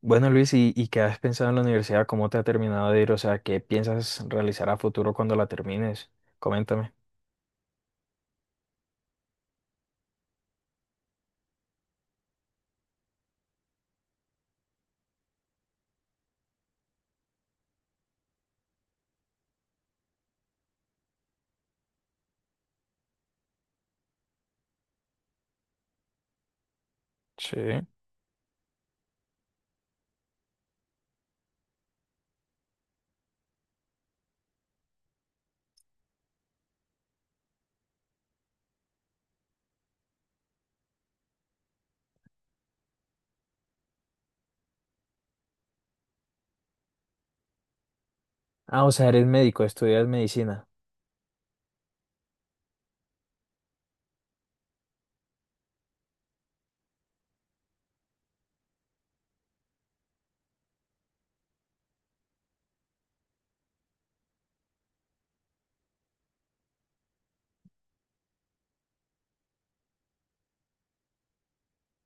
Bueno, Luis, ¿ qué has pensado en la universidad? ¿Cómo te ha terminado de ir? O sea, ¿qué piensas realizar a futuro cuando la termines? Coméntame. Sí. Ah, o sea, eres médico, estudias medicina.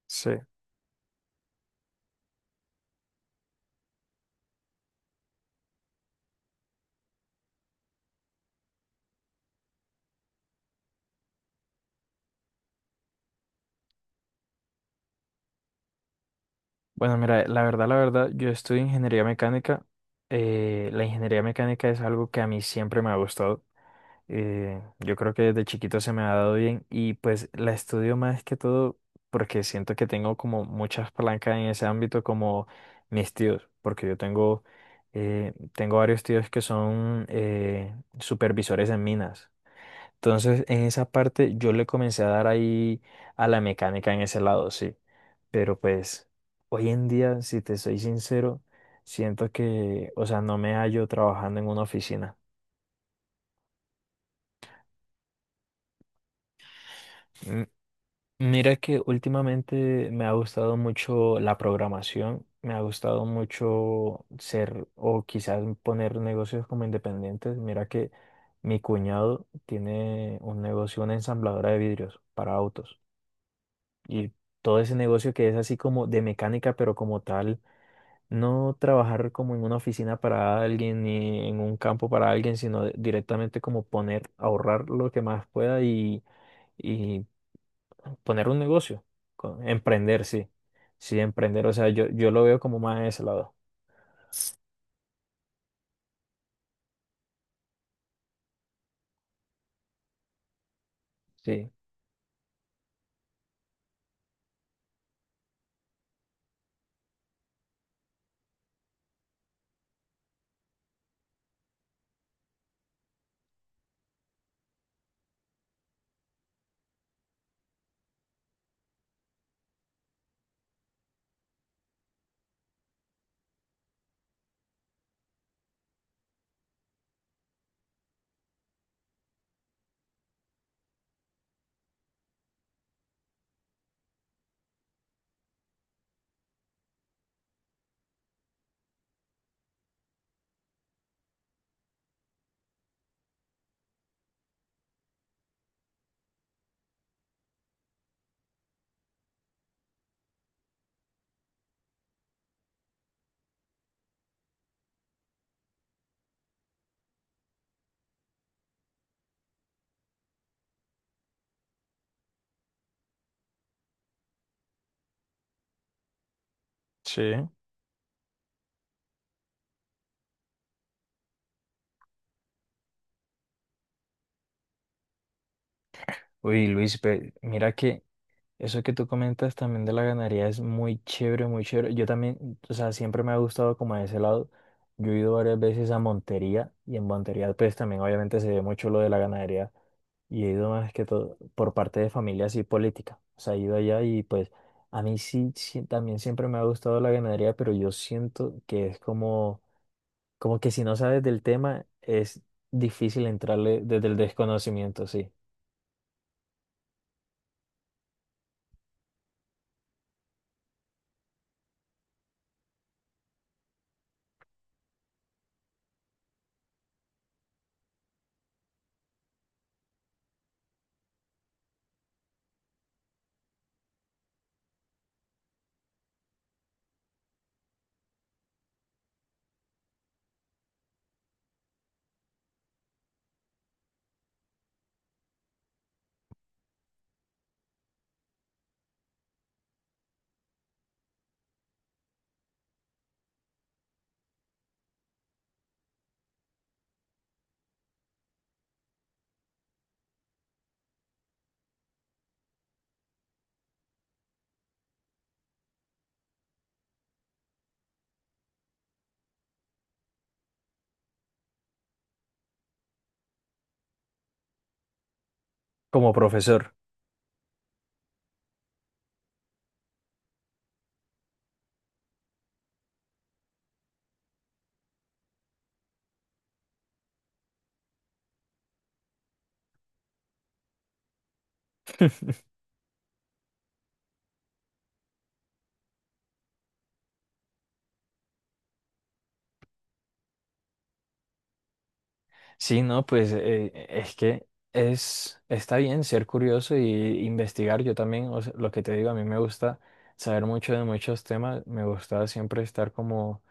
Sí. Bueno, mira, la verdad, yo estudio ingeniería mecánica. La ingeniería mecánica es algo que a mí siempre me ha gustado. Yo creo que desde chiquito se me ha dado bien y pues la estudio más que todo porque siento que tengo como muchas palancas en ese ámbito como mis tíos, porque yo tengo, tengo varios tíos que son supervisores en minas. Entonces en esa parte yo le comencé a dar ahí a la mecánica en ese lado, sí. Pero pues hoy en día, si te soy sincero, siento que, o sea, no me hallo trabajando en una oficina. Mira que últimamente me ha gustado mucho la programación, me ha gustado mucho ser o quizás poner negocios como independientes. Mira que mi cuñado tiene un negocio, una ensambladora de vidrios para autos y todo ese negocio que es así como de mecánica, pero como tal. No trabajar como en una oficina para alguien ni en un campo para alguien, sino directamente como poner, ahorrar lo que más pueda y poner un negocio, emprender, sí. Sí, emprender, o sea, yo lo veo como más de ese lado. Sí. Sí. Uy, Luis, mira que eso que tú comentas también de la ganadería es muy chévere, muy chévere. Yo también, o sea, siempre me ha gustado como de ese lado. Yo he ido varias veces a Montería y en Montería pues también obviamente se ve mucho lo de la ganadería. Y he ido más que todo por parte de familia así política. O sea, he ido allá y pues a mí sí, sí, también siempre me ha gustado la ganadería, pero yo siento que es como, como que si no sabes del tema es difícil entrarle desde el desconocimiento, sí. Como profesor. Sí, no, pues es que es, está bien ser curioso y investigar. Yo también, o sea, lo que te digo, a mí me gusta saber mucho de muchos temas. Me gusta siempre estar como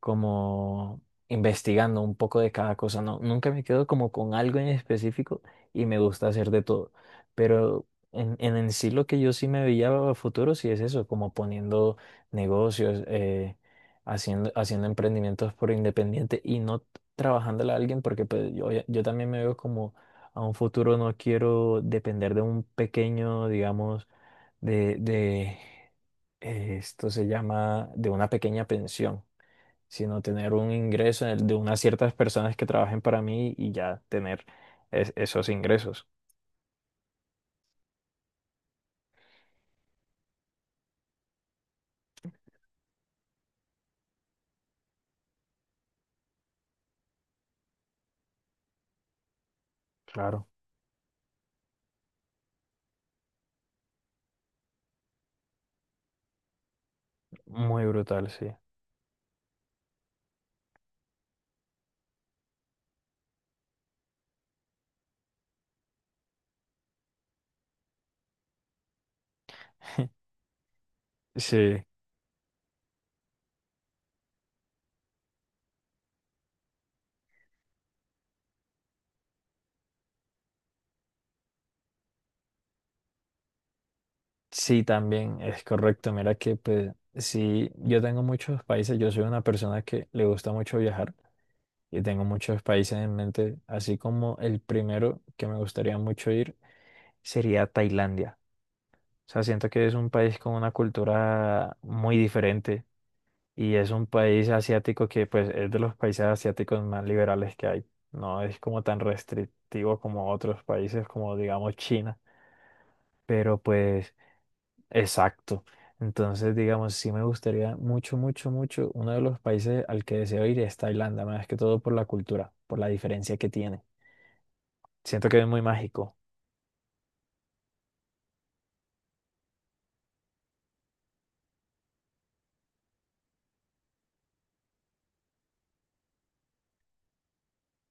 como investigando un poco de cada cosa, ¿no? Nunca me quedo como con algo en específico y me gusta hacer de todo, pero en sí lo que yo sí me veía a futuro sí es eso, como poniendo negocios, haciendo emprendimientos por independiente y no trabajándole a alguien porque pues, yo también me veo como a un futuro no quiero depender de un pequeño, digamos, de esto se llama, de una pequeña pensión sino tener un ingreso en de unas ciertas personas que trabajen para mí y ya tener esos ingresos. Claro, muy brutal, sí. Sí, sí, también es correcto. Mira que pues, sí, yo tengo muchos países, yo soy una persona que le gusta mucho viajar y tengo muchos países en mente, así como el primero que me gustaría mucho ir sería Tailandia. O sea, siento que es un país con una cultura muy diferente. Y es un país asiático que pues es de los países asiáticos más liberales que hay. No es como tan restrictivo como otros países como digamos China, pero pues exacto. Entonces, digamos, sí me gustaría mucho, mucho, mucho. Uno de los países al que deseo ir es Tailandia, más que todo por la cultura, por la diferencia que tiene. Siento que es muy mágico.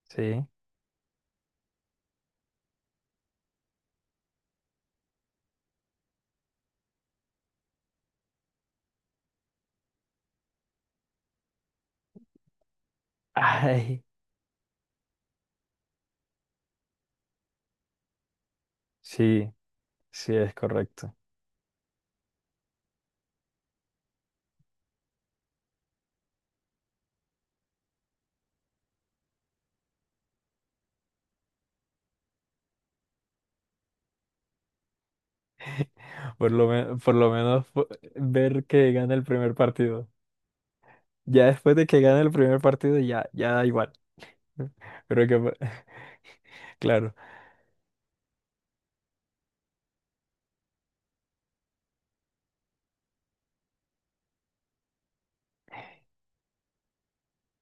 Sí. Ay, sí, sí es correcto. Por lo, por lo menos ver que gana el primer partido. Ya después de que gane el primer partido, ya, ya da igual. Pero que, claro,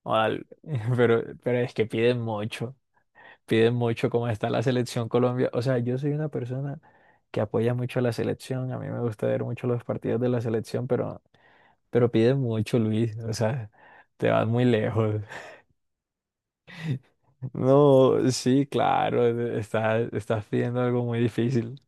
al- pero es que piden mucho como está la selección Colombia. O sea, yo soy una persona que apoya mucho a la selección, a mí me gusta ver mucho los partidos de la selección, pero piden mucho, Luis. O sea, te vas muy lejos. No, sí, claro, estás, estás pidiendo algo muy difícil.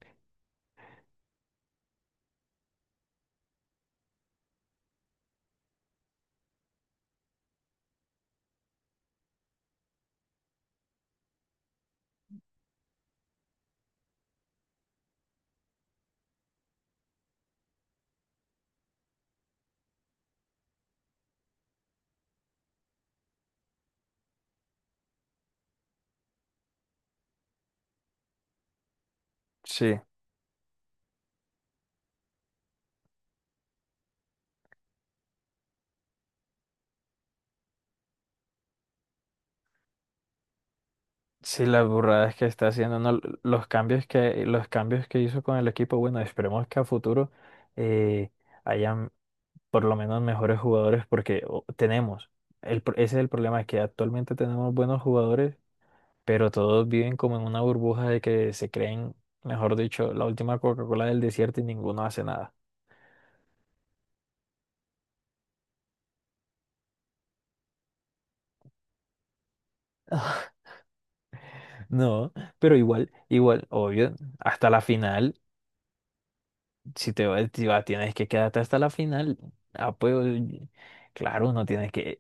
Sí. Sí, las burradas que está haciendo, no, los cambios que hizo con el equipo, bueno, esperemos que a futuro eh, hayan por lo menos mejores jugadores, porque tenemos, ese es el problema, que actualmente tenemos buenos jugadores, pero todos viven como en una burbuja de que se creen, mejor dicho, la última Coca-Cola del desierto y ninguno hace nada. No, pero igual, igual, obvio, hasta la final. Si te vas, si vas, tienes que quedarte hasta la final. Ah, pues, claro, no tienes que.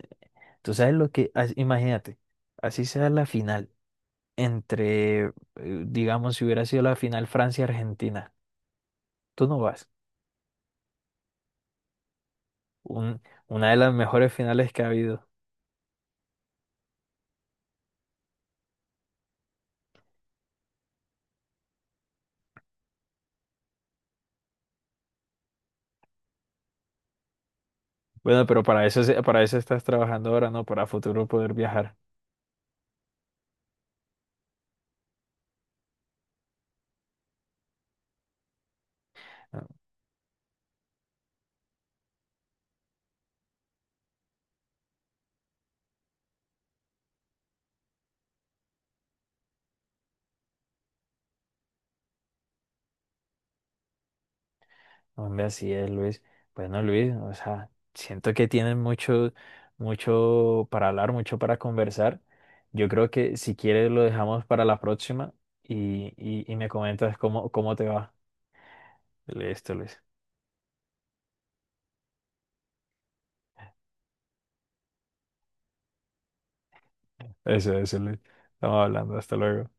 Tú sabes lo que. Imagínate, así sea la final. Entre, digamos, si hubiera sido la final Francia-Argentina, tú no vas. Un- una de las mejores finales que ha habido. Bueno, pero para eso, para eso estás trabajando ahora, ¿no? Para futuro poder viajar. Hombre, así es, Luis. Bueno, Luis, o sea, siento que tienen mucho, mucho para hablar, mucho para conversar. Yo creo que si quieres lo dejamos para la próxima y me comentas cómo, cómo te va. Listo, Luis. Eso, Luis. Estamos hablando. Hasta luego.